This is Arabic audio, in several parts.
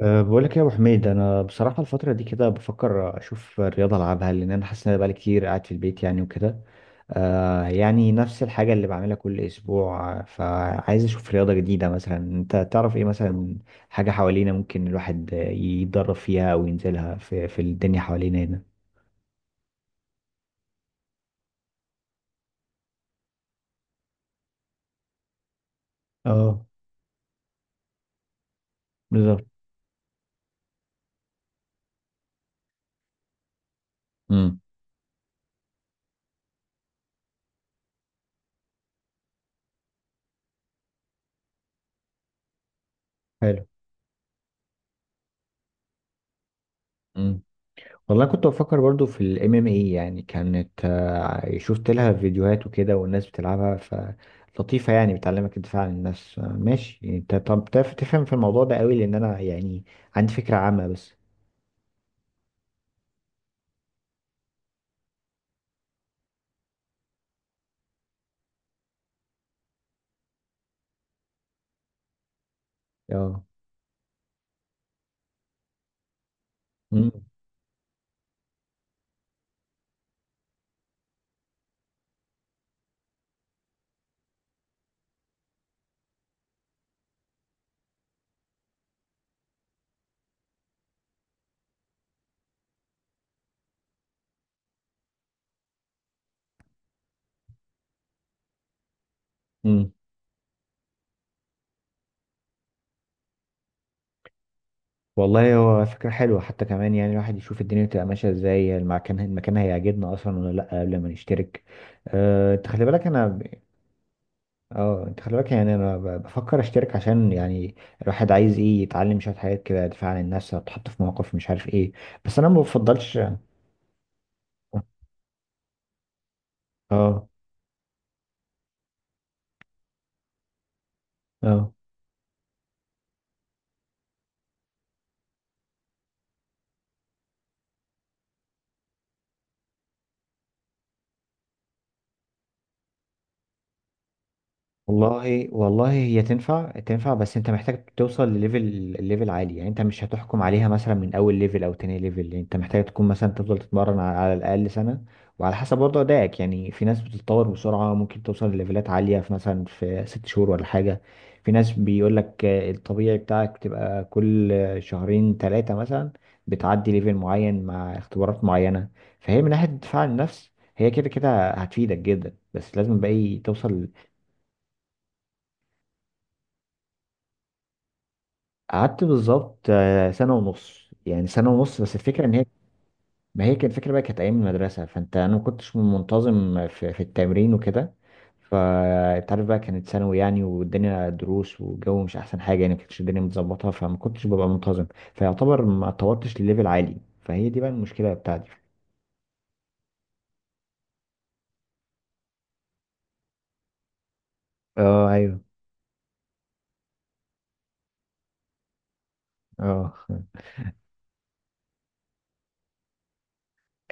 بقول لك يا ابو حميد، انا بصراحه الفتره دي كده بفكر اشوف الرياضه العبها لان انا حاسس ان انا بقالي كتير قاعد في البيت يعني وكده. يعني نفس الحاجه اللي بعملها كل اسبوع فعايز اشوف رياضه جديده، مثلا انت تعرف ايه مثلا؟ حاجه حوالينا ممكن الواحد يتدرب فيها او ينزلها في الدنيا حوالينا هنا. اه. بالظبط. امم. حلو. والله كنت بفكر برضو في الام ام اي، يعني كانت شفت لها فيديوهات وكده، والناس بتلعبها فلطيفة، يعني بتعلمك الدفاع عن النفس. ماشي يعني. انت طب تعرف تفهم في الموضوع ده قوي؟ لان انا يعني عندي فكرة عامة بس. اه. مم. مم. والله هو فكرة حلوة، حتى كمان يعني الواحد يشوف الدنيا بتبقى ماشية ازاي، المكان المكان هيعجبنا اصلا ولا لا قبل ما نشترك. أه، انت خلي بالك انا. اه، انت خلي بالك يعني انا بفكر اشترك عشان يعني الواحد عايز ايه، يتعلم شويه حاجات كده، دفاع عن النفس، هتحط في مواقف مش عارف ايه، بس انا ما بفضلش. اه. اه. والله والله هي تنفع تنفع، بس انت محتاج توصل لليفل عالي. يعني انت مش هتحكم عليها مثلا من اول ليفل او تاني ليفل، يعني انت محتاج تكون مثلا تفضل تتمرن على الاقل سنة. وعلى حسب برضه ادائك، يعني في ناس بتتطور بسرعة ممكن توصل لليفلات عالية في مثلا في 6 شهور ولا حاجة. في ناس بيقول لك الطبيعي بتاعك تبقى كل شهرين ثلاثة مثلا بتعدي ليفل معين مع اختبارات معينة. فهي من ناحية دفاع عن النفس هي كده كده هتفيدك جدا، بس لازم بقى إيه توصل. قعدت بالظبط سنة ونص، يعني سنة ونص بس الفكرة ان هي. ما هي كانت الفكرة بقى كانت ايام المدرسة، فانت انا ما كنتش منتظم في التمرين وكده. فانت عارف بقى كانت ثانوي يعني والدنيا دروس والجو مش احسن حاجة، يعني ما كانتش الدنيا متظبطة فما كنتش ببقى منتظم. فيعتبر ما اتطورتش لليفل عالي، فهي دي بقى المشكلة بتاعتي. اه. ايوه. اه.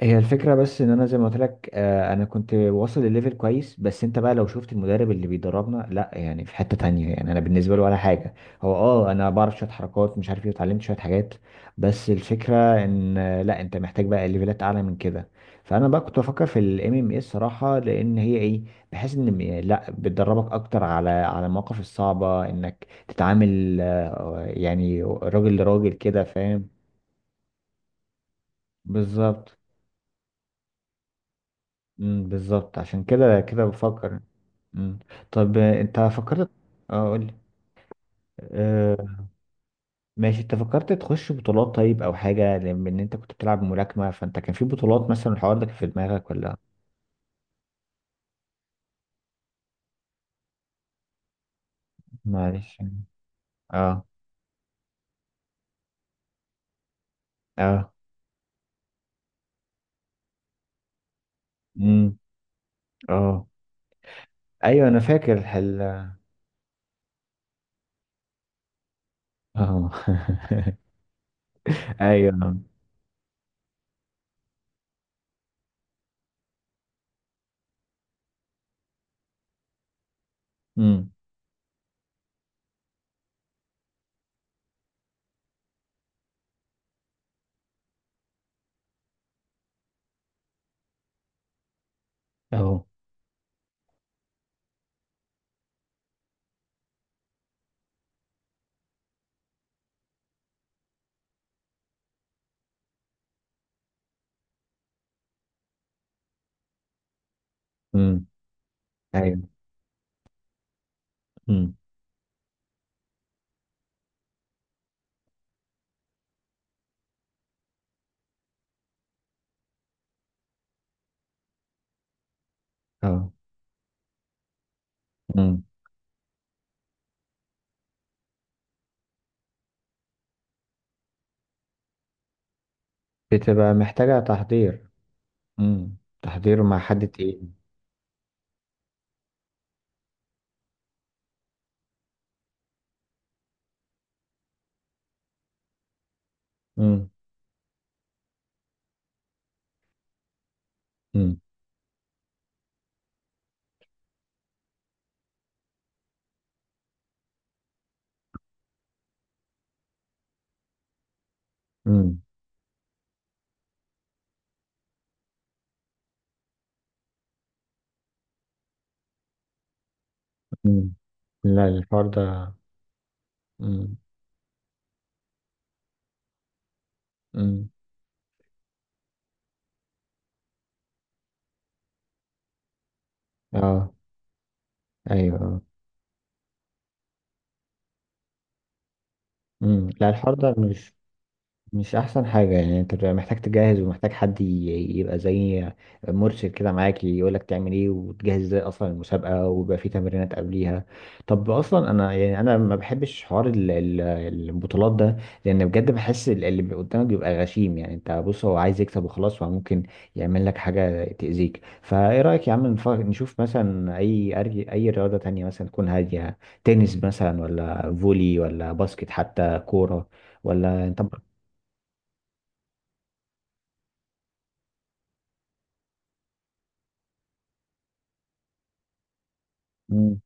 هي الفكرة بس ان انا زي ما قلت لك انا كنت واصل لليفل كويس، بس انت بقى لو شفت المدرب اللي بيدربنا، لا يعني في حتة تانية، يعني انا بالنسبة له ولا حاجة. هو اه انا بعرف شوية حركات مش عارف ايه، اتعلمت شوية حاجات. بس الفكرة ان لا، انت محتاج بقى ليفلات اعلى من كده. فانا بقى كنت بفكر في الام ام اي الصراحة، لان هي ايه، بحيث ان لا بتدربك اكتر على المواقف الصعبة، انك تتعامل يعني راجل لراجل كده، فاهم؟ بالظبط. بالظبط، عشان كده كده بفكر. امم طب انت فكرت؟ اه، قول لي. آه. ماشي، انت فكرت تخش بطولات طيب او حاجه؟ لان انت كنت بتلعب ملاكمه، فانت كان في بطولات مثلا، الحوار ده كان في دماغك ولا؟ معلش. اه. اه. امم. اه، ايوه انا فاكر الحل. اه. ايوه. امم. اهو. امم. ايوه. امم. اه. امم بتبقى محتاجه تحضير. امم تحضير مع حد تقيل. امم. امم. مم. لا، الحوار ده. مم. مم. اه، ايوه اه. مم. لا الحوار ده مش احسن حاجة يعني. انت بتبقى محتاج تجهز ومحتاج حد يبقى زي مرشد كده معاك، يقولك تعمل ايه وتجهز ازاي اصلا المسابقة، ويبقى في تمرينات قبليها. طب اصلا انا يعني انا ما بحبش حوار البطولات ده، لان بجد بحس اللي قدامك بيبقى غشيم. يعني انت بص هو عايز يكسب وخلاص، وممكن يعمل لك حاجة تأذيك. فايه رأيك يا عم نشوف مثلا اي اي رياضة تانية مثلا تكون هادية؟ تنس مثلا، ولا فولي، ولا باسكت، حتى كورة، ولا انت؟ مم.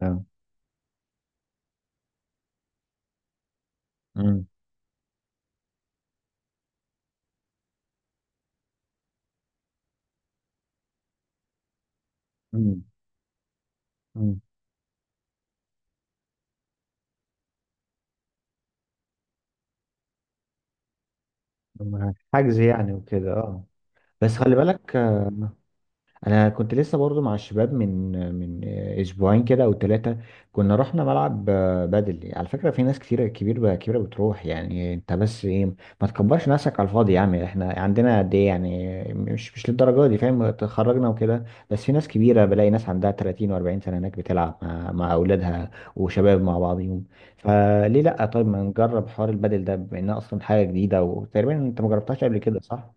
تمام. مم. مم. مم. حجز يعني وكده، اه. بس خلي بالك انا كنت لسه برضو مع الشباب من اسبوعين كده او ثلاثه. كنا رحنا ملعب بدل، على فكره في ناس كتيره كبيره كبيره بتروح، يعني انت بس ايه، ما تكبرش نفسك على الفاضي يا عم، احنا عندنا قد ايه، يعني مش للدرجه دي، فاهم؟ اتخرجنا وكده. بس في ناس كبيره، بلاقي ناس عندها 30 و40 سنه هناك بتلعب مع اولادها وشباب مع بعضهم. فليه لا؟ طيب ما نجرب حوار البدل ده بما انها اصلا حاجه جديده، وتقريبا انت ما جربتهاش قبل كده صح؟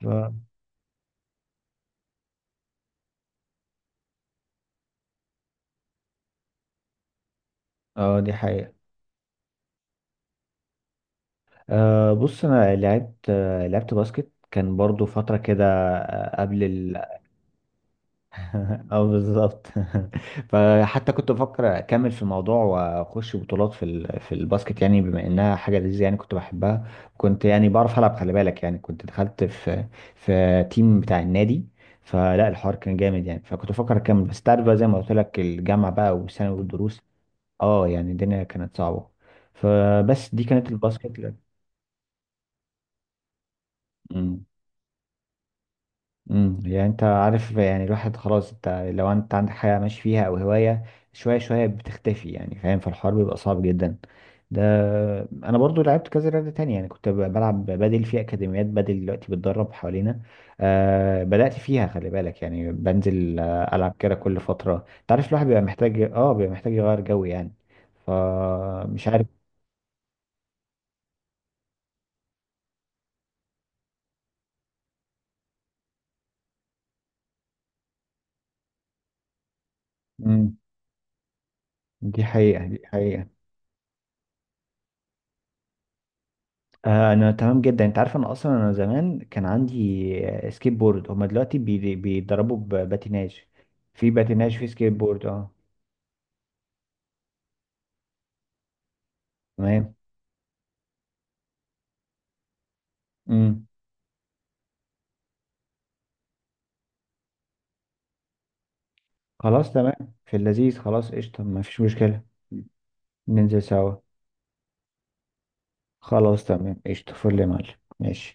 ف- اه، دي حقيقة. أه، بص انا لعبت لعبت باسكت كان برضو فترة كده قبل ال اه، بالظبط. فحتى كنت بفكر اكمل في الموضوع واخش بطولات في ال... في الباسكت، يعني بما انها حاجة لذيذة يعني كنت بحبها. كنت يعني بعرف العب، خلي بالك، يعني كنت دخلت في في تيم بتاع النادي، فلا الحوار كان جامد يعني، فكنت بفكر اكمل، بس تعرف بقى زي ما قلت لك الجامعة بقى والثانوي والدروس، اه يعني الدنيا كانت صعبة. فبس دي كانت الباسكت. مم. يعني انت عارف يعني الواحد خلاص، انت لو انت عندك حاجه ماشي فيها او هوايه، شويه شويه بتختفي، يعني فاهم؟ فالحوار بيبقى صعب جدا ده. انا برضو لعبت كذا رياضه تانية، يعني كنت بلعب بدل في اكاديميات بدل، دلوقتي بتدرب حوالينا. آه بدات فيها، خلي بالك، يعني بنزل العب كده كل فتره. انت عارف الواحد بيبقى محتاج اه، بيبقى محتاج يغير جو يعني، فمش عارف. امم دي حقيقه دي حقيقه. انا تمام جدا، انت عارف انا اصلا انا زمان كان عندي سكيت بورد، هما دلوقتي بيتدربوا بباتيناج. في باتيناج، في سكيت بورد، اه. تمام. امم خلاص تمام، في اللذيذ، خلاص قشطه، ما فيش مشكله. ننزل سوا. خلاص تمام قشطه، فل يا معلم. ماشي.